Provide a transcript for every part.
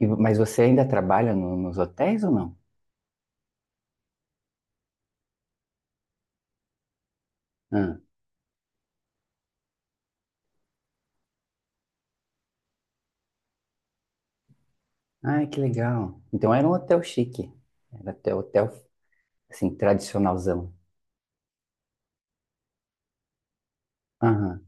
E mas você ainda trabalha nos hotéis ou não? Ah, ai, que legal. Então era um hotel chique. Era até hotel, assim, tradicionalzão. Aham.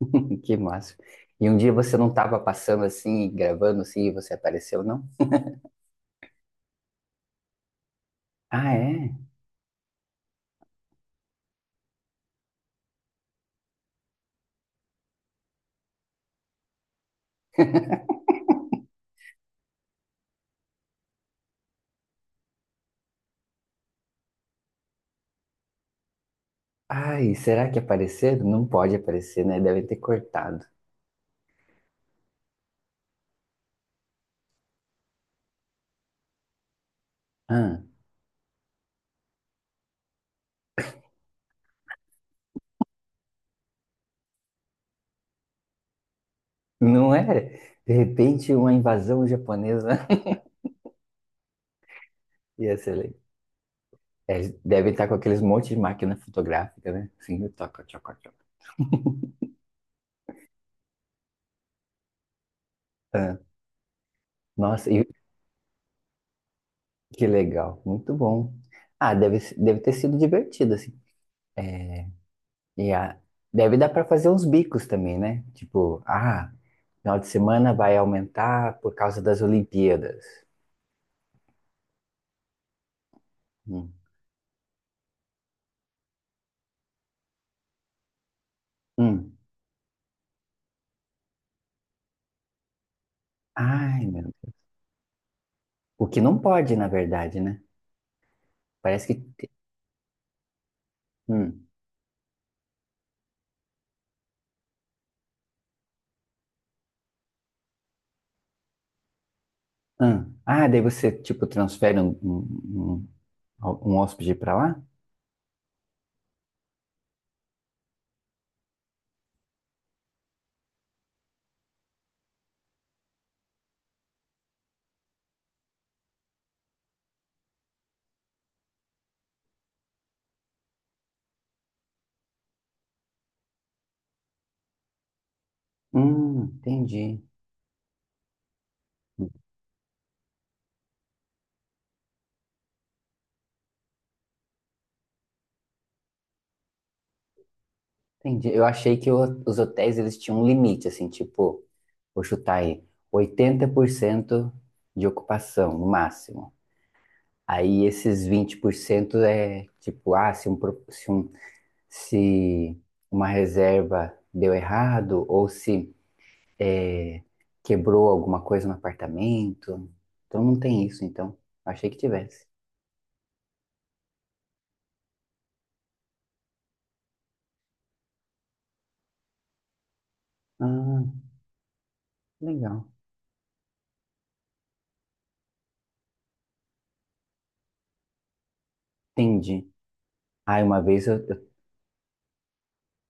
Que massa. E um dia você não estava passando assim, gravando assim, e você apareceu, não? Ah, é? Ai, será que apareceram? Não pode aparecer, né? Devem ter cortado. Ah, não é? De repente, uma invasão japonesa. Ia ser legal. É, devem estar com aqueles monte de máquina fotográfica, né? Assim, toca, toca, toca. Ah, nossa, e, que legal, muito bom. Ah, deve ter sido divertido, assim. É, e a, deve dar para fazer uns bicos também, né? Tipo, ah, final de semana vai aumentar por causa das Olimpíadas. Hum. Hum. Ai, meu Deus. O que não pode, na verdade, né? Parece que. Hum. Hum. Ah, daí você, tipo, transfere um hóspede para lá? Entendi. Entendi. Eu achei que os hotéis, eles tinham um limite, assim, tipo. Vou chutar aí, 80% de ocupação, no máximo. Aí esses 20% é tipo, ah, se, um, se, se uma reserva deu errado ou se é, quebrou alguma coisa no apartamento. Então não tem isso, então. Achei que tivesse. Ah, legal. Entendi. Ah, uma vez eu...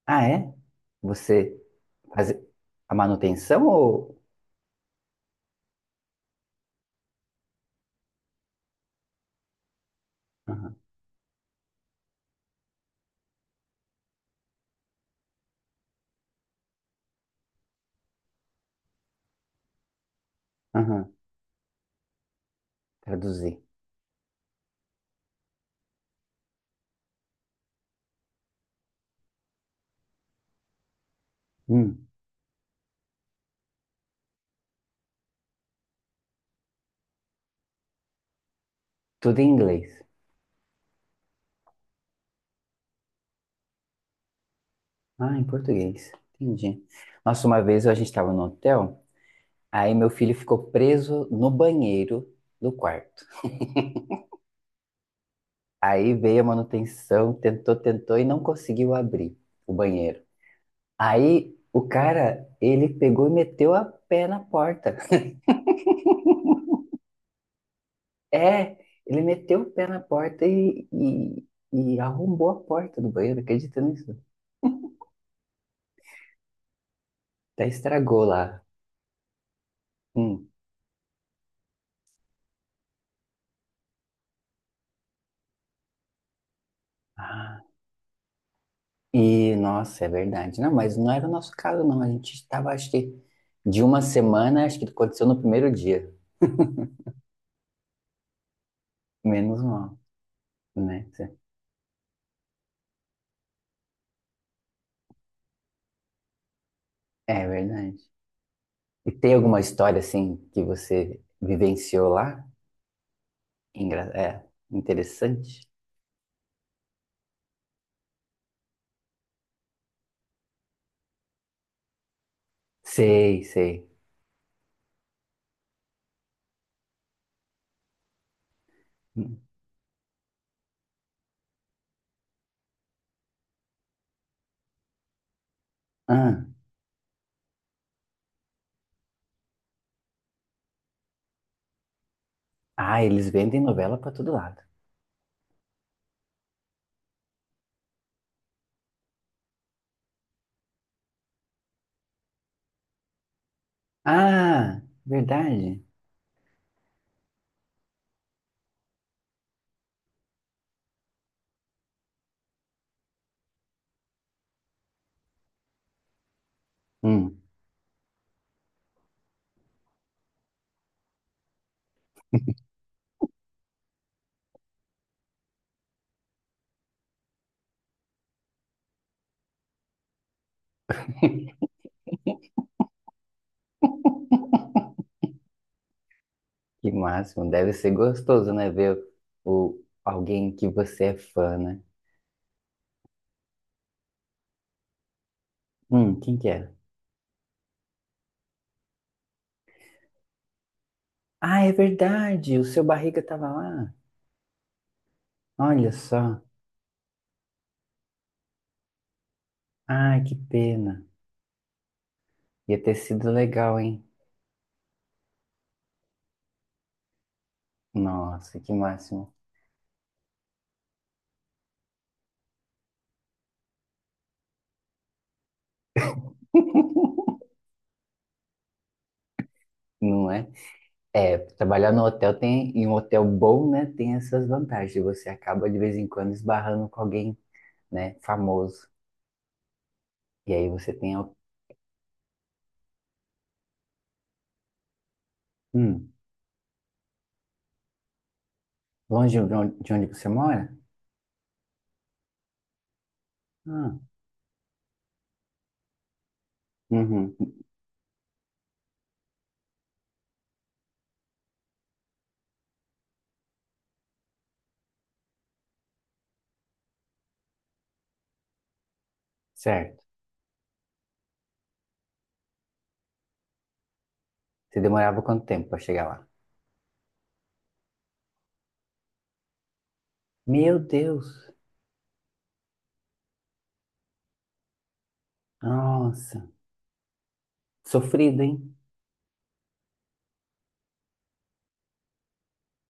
Ah, é? Você faz a manutenção ou... Aham, aham, traduzir. Hum. Tudo em inglês. Ah, em português. Entendi. Nossa, uma vez a gente estava no hotel, aí meu filho ficou preso no banheiro do quarto. Aí veio a manutenção, tentou, tentou e não conseguiu abrir o banheiro. Aí o cara, ele pegou e meteu a pé na porta. É, ele meteu o pé na porta e arrombou a porta do banheiro, acredita nisso? Até estragou lá. Hum. E, nossa, é verdade. Não, mas não era o nosso caso, não. A gente estava, acho que, de uma semana, acho que aconteceu no primeiro dia. Menos mal, né? É verdade. E tem alguma história, assim, que você vivenciou lá? É, interessante. Sei, sei. Hum. Ah, ah, eles vendem novela para todo lado. Ah, verdade. Hum, que máximo. Deve ser gostoso, né? Ver o, alguém que você é fã, né? Quem que é? Ah, é verdade, o seu Barriga tava lá. Olha só. Ai, que pena. Ia ter sido legal, hein? Nossa, que máximo. Não é? É, trabalhar no hotel tem, em um hotel bom, né, tem essas vantagens. Você acaba de vez em quando esbarrando com alguém, né, famoso. E aí você tem, hum, longe de onde você mora? Ah, uhum, certo. Você demorava quanto tempo para chegar lá? Meu Deus. Nossa, sofrido, hein?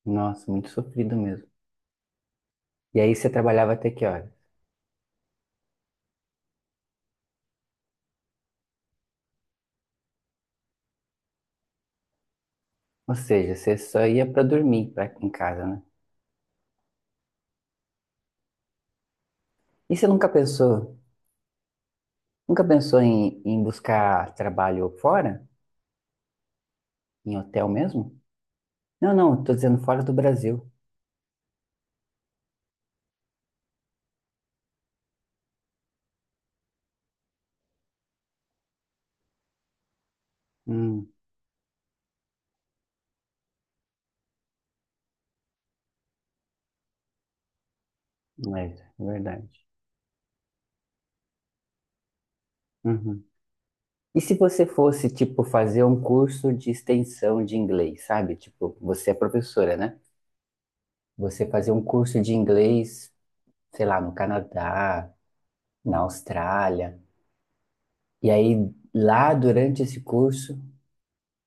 Nossa, muito sofrido mesmo. E aí você trabalhava até que hora? Ou seja, você só ia para dormir pra, em casa, né? E você nunca pensou, nunca pensou em, em buscar trabalho fora? Em hotel mesmo? Não, não, tô dizendo fora do Brasil. Hum, é verdade. Uhum. E se você fosse, tipo, fazer um curso de extensão de inglês, sabe? Tipo, você é professora, né? Você fazer um curso de inglês, sei lá, no Canadá, na Austrália, e aí lá durante esse curso.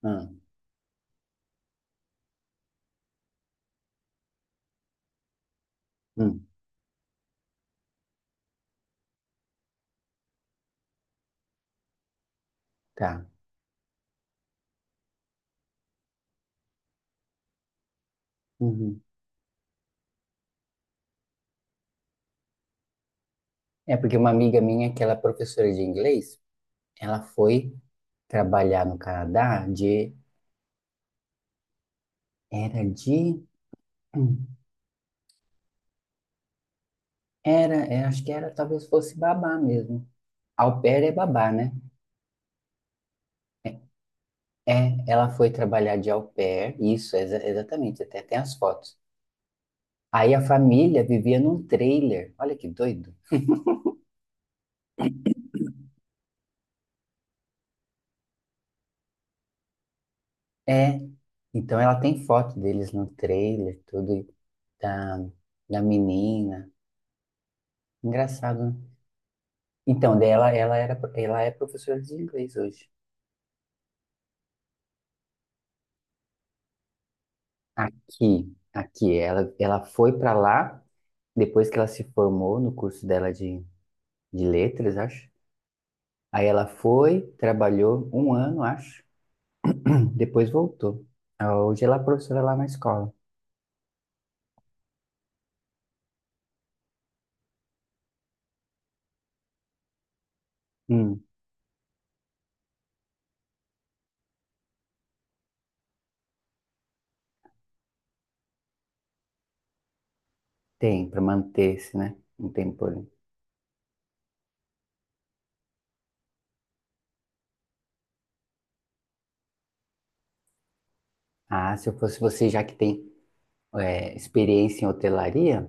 Hum. Hum. Tá. Uhum. É porque uma amiga minha, que ela é professora de inglês, ela foi trabalhar no Canadá de, hum, era, é, acho que era, talvez fosse babá mesmo. Au pair é babá, né? É, ela foi trabalhar de au pair, isso, exatamente, até tem as fotos. Aí a família vivia num trailer, olha que doido. É, então ela tem foto deles no trailer, tudo, e da, da menina. Engraçado, né? Então, dela, ela era, ela é professora de inglês hoje. Aqui, aqui, ela foi para lá depois que ela se formou no curso dela de letras, acho. Aí ela foi, trabalhou um ano, acho, depois voltou. Ah, hoje ela é professora lá na escola. Hum, tem, para manter-se, né? Não tem problema. Ah, se eu fosse você, já que tem é, experiência em hotelaria,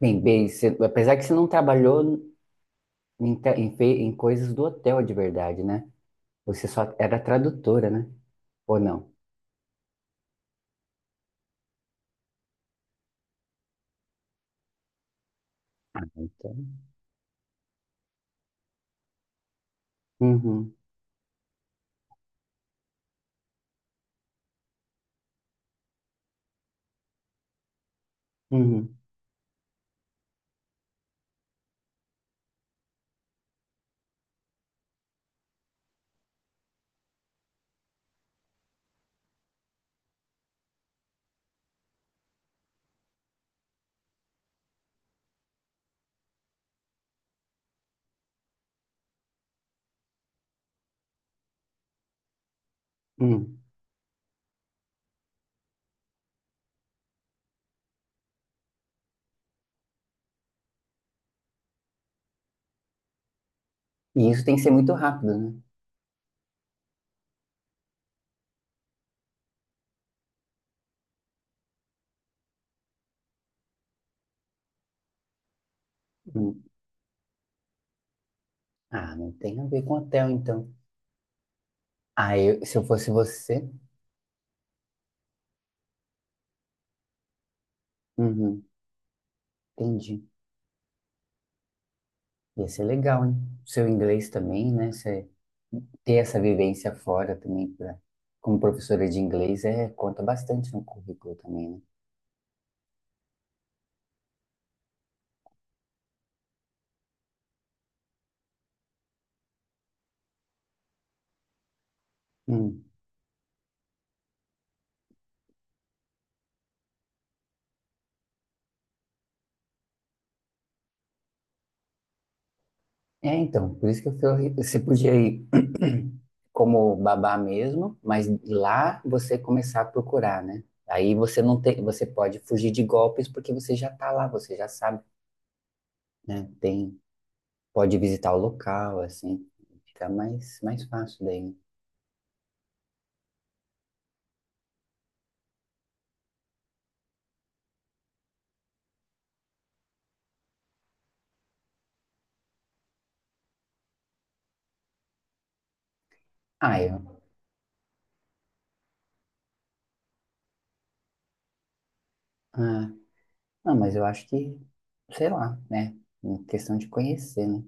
bem, bem, você- apesar que você não trabalhou em, te- em, fe- em coisas do hotel de verdade, né? Você só era tradutora, né? Ou não? Ah, então. Uhum, uhum, uhum. E isso tem que ser muito rápido, né? Uhum. Ah, não tem a ver com hotel, então. Ah, eu, se eu fosse você, uhum, entendi. Ia ser legal, hein? Seu inglês também, né? Você ter essa vivência fora também, pra, como professora de inglês, é, conta bastante no currículo também, né? É, então, por isso que eu falei, você podia ir como babá mesmo, mas lá você começar a procurar, né? Aí você não tem, você pode fugir de golpes porque você já tá lá, você já sabe, né? Tem, pode visitar o local, assim, fica mais, mais fácil daí. Né? Ah, eu, ah, não, mas eu acho que, sei lá, né? Uma questão de conhecer, né?